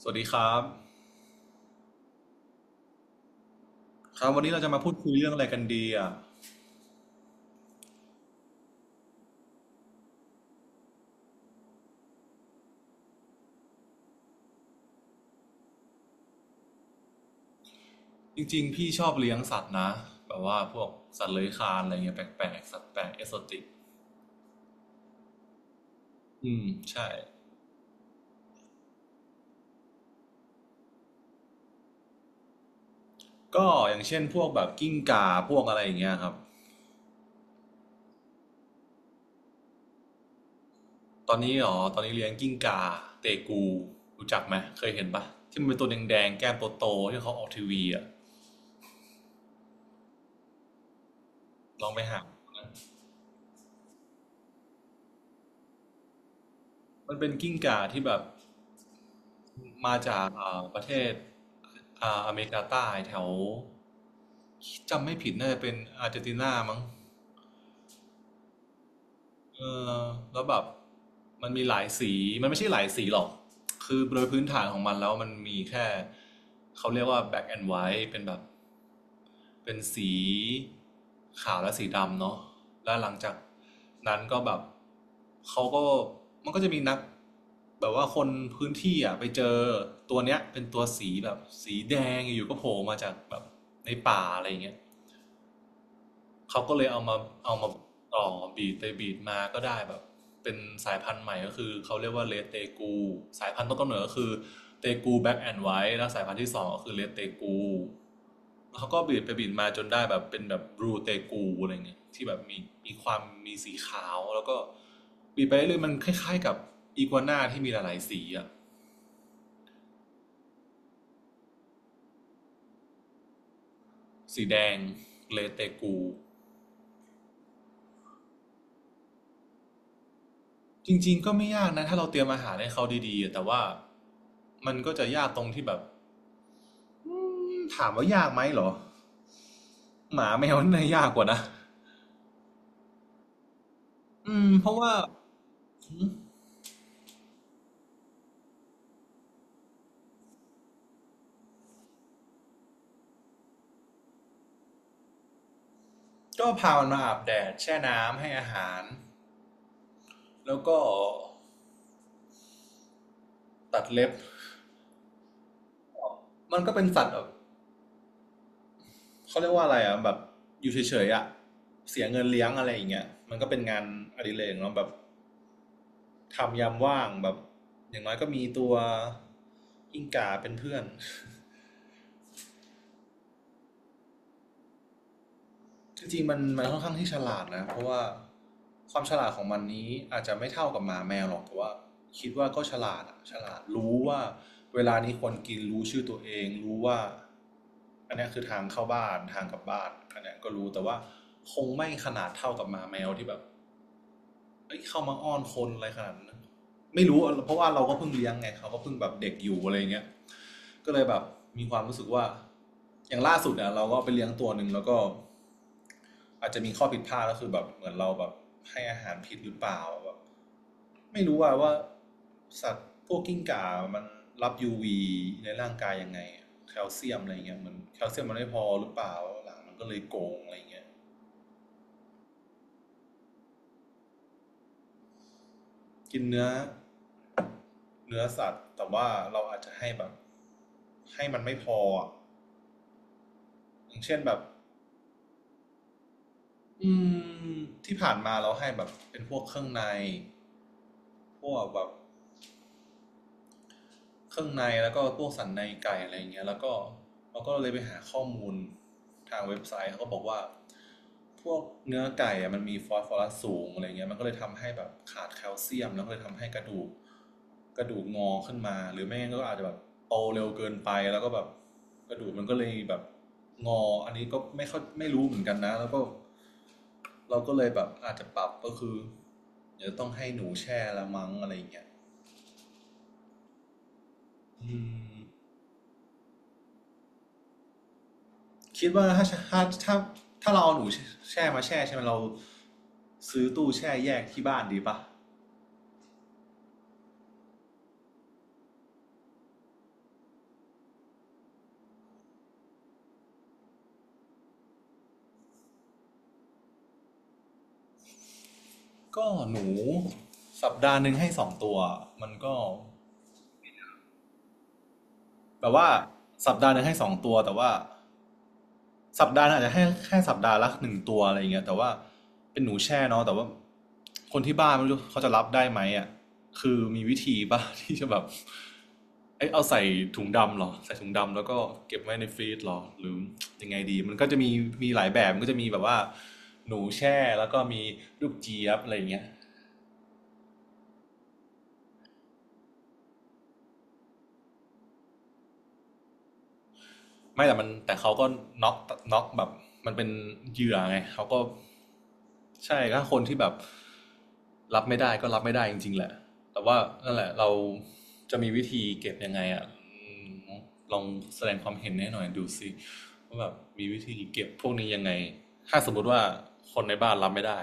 สวัสดีครับครับวันนี้เราจะมาพูดคุยเรื่องอะไรกันดีอ่ะจริงๆพี่ชอบเลี้ยงสัตว์นะแบบว่าพวกสัตว์เลื้อยคลานอะไรเงี้ยแปลกๆสัตว์แปลกเอโซติกอืมใช่ก็อย่างเช่นพวกแบบกิ้งก่าพวกอะไรอย่างเงี้ยครับตอนนี้อ๋อตอนนี้เลี้ยงกิ้งก่าเตกูรู้จักไหมเคยเห็นปะที่มันเป็นตัวแดงๆแก้มโตๆที่เขาออกทีวีอ่ะลองไปหา มันเป็นกิ้งก่าที่แบบมาจากประเทศอเมริกาใต้แถวจำไม่ผิดน่าจะเป็นอาร์เจนตินามั้งเออแล้วแบบมันมีหลายสีมันไม่ใช่หลายสีหรอกคือโดยพื้นฐานของมันแล้วมันมีแค่เขาเรียกว่า black and white เป็นแบบ เป็นสีขาวและสีดำเนาะแล้วหลังจากนั้นก็แบบเขาก็มันก็จะมีนักแบบว่าคนพื้นที่อ่ะไปเจอตัวเนี้ยเป็นตัวสีแบบสีแดงอยู่ก็โผล่มาจากแบบในป่าอะไรอย่างเงี้ย เขาก็เลยเอามาต่อบีดไปบีดมาก็ได้แบบเป็นสายพันธุ์ใหม่ก็คือเขาเรียกว่าเลเตกูสายพันธุ์ต้นกำเนิดก็คือเตกูแบ็กแอนด์ไวท์แล้วสายพันธุ์ที่สองก็คือเลเตกูเขาก็บีดไปบีดมาจนได้แบบเป็นแบบบลูเตกูอะไรเงี้ยที่แบบมีมีความมีสีขาวแล้วก็บีดไปเรื่อยมันคล้ายๆกับอีกัวน่าที่มีหลายๆสีอะสีแดงเลเตกูจริงๆก็ไม่ยากนะถ้าเราเตรียมอาหารให้เขาดีๆแต่ว่ามันก็จะยากตรงที่แบบ อืถามว่ายากไหมเหรอหมาแมวน่ายากกว่านะเพราะว่าก็พามันมาอาบแดดแช่น้ำให้อาหารแล้วก็ตัดเล็บมันก็เป็นสัตว์แบบเขาเรียกว่าอะไรอ่ะแบบอยู่เฉยๆอ่ะเสียเงินเลี้ยงอะไรอย่างเงี้ยมันก็เป็นงานอดิเรกเนาะแบบทำยามว่างแบบอย่างน้อยก็มีตัวกิ้งก่าเป็นเพื่อน จริงๆมันค่อนข้างที่ฉลาดนะเพราะว่าความฉลาดของมันนี้อาจจะไม่เท่ากับหมาแมวหรอกแต่ว่าคิดว่าก็ฉลาดอะฉลาดรู้ว่าเวลานี้ควรกินรู้ชื่อตัวเองรู้ว่าอันนี้คือทางเข้าบ้านทางกลับบ้านอันนี้ก็รู้แต่ว่าคงไม่ขนาดเท่ากับหมาแมวที่แบบเอ้ยเข้ามาอ้อนคนอะไรขนาดนั้นไม่รู้เพราะว่าเราก็เพิ่งเลี้ยงไงเขาก็เพิ่งแบบเด็กอยู่อะไรเงี้ย ก็เลยแบบมีความรู้สึกว่าอย่างล่าสุดเนี่ยเราก็ไปเลี้ยงตัวหนึ่งแล้วก็อาจจะมีข้อผิดพลาดก็คือแบบเหมือนเราแบบให้อาหารผิดหรือเปล่าแบบไม่รู้ว่าว่าสัตว์พวกกิ้งก่ามันรับ UV ในร่างกายยังไงแคลเซียมอะไรเงี้ยเหมือนแคลเซียมมันไม่พอหรือเปล่าหลังมันก็เลยโกงอะไรเงี้ยกินเนื้อเนื้อสัตว์แต่ว่าเราอาจจะให้แบบให้มันไม่พออย่างเช่นแบบ อืมที่ผ่านมาเราให้แบบเป็นพวกเครื่องในพวกแบบ เครื่องในแล้วก็พวกสันในไก่อะไรอย่างเงี้ยแล้วก็เราก็เลยไปหาข้อมูลทางเว็บไซต์เขาก็บอกว่าพวกเนื้อไก่อะมันมีฟอสฟอรัสสูงอะไรเงี้ยมันก็เลยทำให้แบบขาดแคลเซียมแล้วก็เลยทำให้กระดูกกระดูกงอขึ้นมาหรือไม่งั้นก็อาจจะแบบโตเร็วเกินไปแล้วก็แบบกระดูกมันก็เลยแบบงออันนี้ก็ไม่เข้าไม่รู้เหมือนกันนะแล้วก็เราก็เลยแบบอาจจะปรับก็คือเดี๋ยวต้องให้หนูแช่ละมั้งอะไรเงี้ยอืม คิดว่าถ้าถ้าถ้าเราเอาหนูแช่มาแช่ใช่ไหมเราซื้อตู้แช่แยกที่บ้านดีปะก็หนูสัปดาห์หนึ่งให้สองตัวมันก็แบบว่าสัปดาห์หนึ่งให้สองตัวแต่ว่า สัปดาห์อาจจะให้แค่สัปดาห์ละหนึ่งตัวอะไรอย่างเงี้ยแต่ว่าเป็นหนูแช่เนาะแต่ว่าคนที่บ้านไม่รู้เขาจะรับได้ไหมอ่ะคือมีวิธีป่ะ ที่จะแบบเอ้ยเอาใส่ถุงดำเหรอใส่ถุงดำแล้วก็เก็บไว้ในฟรีซเหรอหรือยังไงดีมันก็จะมีมีหลายแบบมันก็จะมีแบบว่าหนูแช่แล้วก็มีลูกเจี๊ยบอะไรอย่างเงี้ย ไม่แต่เขาก็น็อกน็อกแบบมันเป็นเหยื่อไงเขาก็ใช่ถ้าคนที่แบบรับไม่ได้ก็รับไม่ได้จริงๆแหละแต่ว่านั่นแหละเราจะมีวิธีเก็บยังไงอะืลองแสดงความเห็นให้หน่อยดูสิว่าแบบมีวิธีเก็บพวกนี้ยังไงถ้าสมมติว่าคนในบ้านรับไม่ได้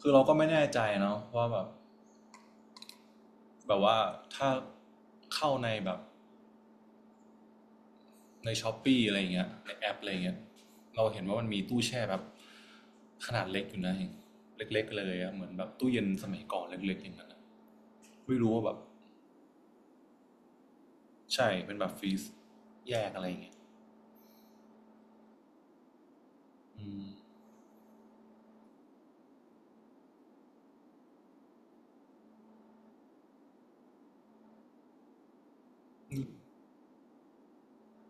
คือเราก็ไม่แน่ใจเนาะว่าแบบว่าถ้าเข้าในแบบ ในช้อปปี้อะไรอย่างเงี้ยในแอปอะไรอย่างเงี้ยเราเห็นว่ามันมีตู้แช่แบบขนาดเล็กอยู่นะเองเล็กๆเลยอะเหมือนแบบตู้เย็นสมัยก่อนเล็กๆอย่างนั้นไม่รู้ว่าแบบใช่เป็นแบบฟรีซแยกอะไรอย่างเงี้ยอืม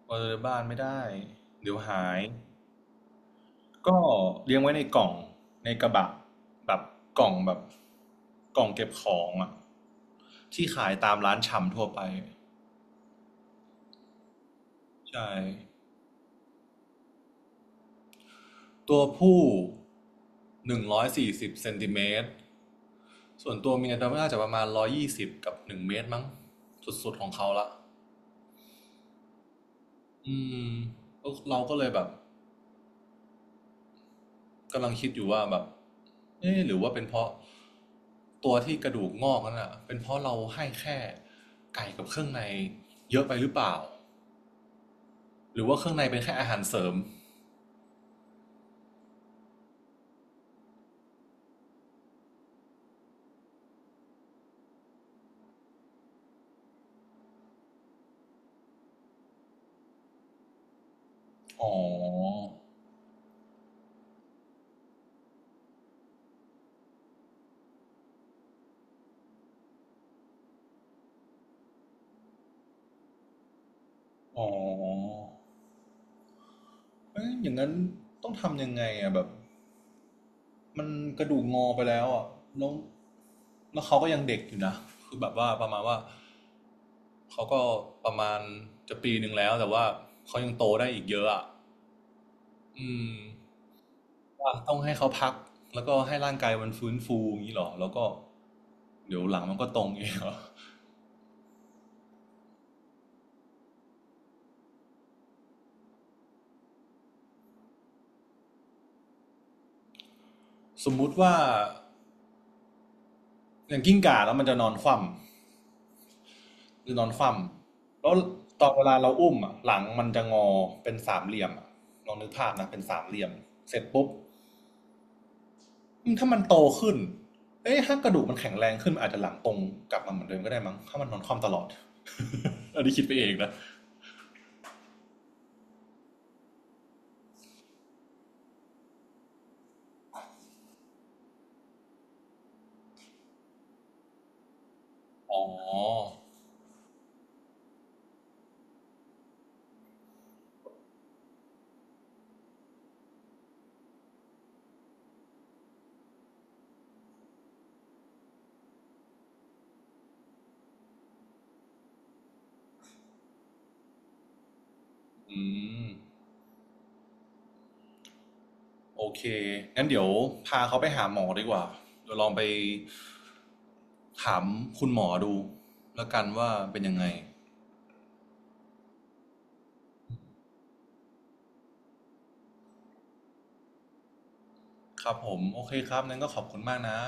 เปิดบ้านไม่ได้เดี๋ยวหายก็เลี้ยงไว้ในกล่องในกระบะแบบกล่องแบบกล่องเก็บของอะที่ขายตามร้านชำทั่วไปใช่ ตัวผู้140 เซนติเมตร ส่วนตัวเมียเดาว่น่าจะประมาณ120กับ1 เมตรมั้งสุดๆของเขาละอืมเราก็เลยแบบกำลังคิดอยู่ว่าแบบเอ๊ะหรือว่าเป็นเพราะตัวที่กระดูกงอกนั่นอ่ะเป็นเพราะเราให้แค่ไก่กับเครื่องในเยอะไปหรือเปล่าหรือว่าเครื่องในเป็นแค่อาหารเสริมอ๋ออ๋อเอยอย่างนั้นต้องทำยังไงอ่ะแบบ มันกระดูกงอไปแล้วอ่ะแล้วแล้วเขาก็ยังเด็กอยู่นะคือแบบว่าประมาณว่าเขาก็ประมาณจะปีหนึ่งแล้วแต่ว่าเขายังโตได้อีกเยอะอ่ะอืมว่าต้องให้เขาพักแล้วก็ให้ร่างกายมันฟื้นฟูอย่างนี้เหรอแล้วก็เดี๋ยวหลังมันก็ตรงเองเหรอสมมุติว่าอย่างกิ้งก่าแล้วมันจะนอนคว่ำแล้วตอนเวลาเราอุ้มอ่ะหลังมันจะงอเป็นสามเหลี่ยมอะลองนึกภาพนะเป็นสามเหลี่ยมเสร็จปุ๊บ ถ้ามันโตขึ้น เอ้ยถ้ากระดูกมันแข็งแรงขึ้นอาจจะหลังตรงกลับมาเหมือนเดิมก็ได้มั้ง ถ้ามันนอนคว่ำตลอด อันนี้คิดไปเองนะ อ๋ออืมโอเคงั้นเดี๋ยวพาเขาไปหาหมอดีกว่าเดี๋ยวลองไปถามคุณหมอดูแล้วกันว่าเป็นยังไง ครับผม โอเคครับนั้นก็ขอบคุณมากนะ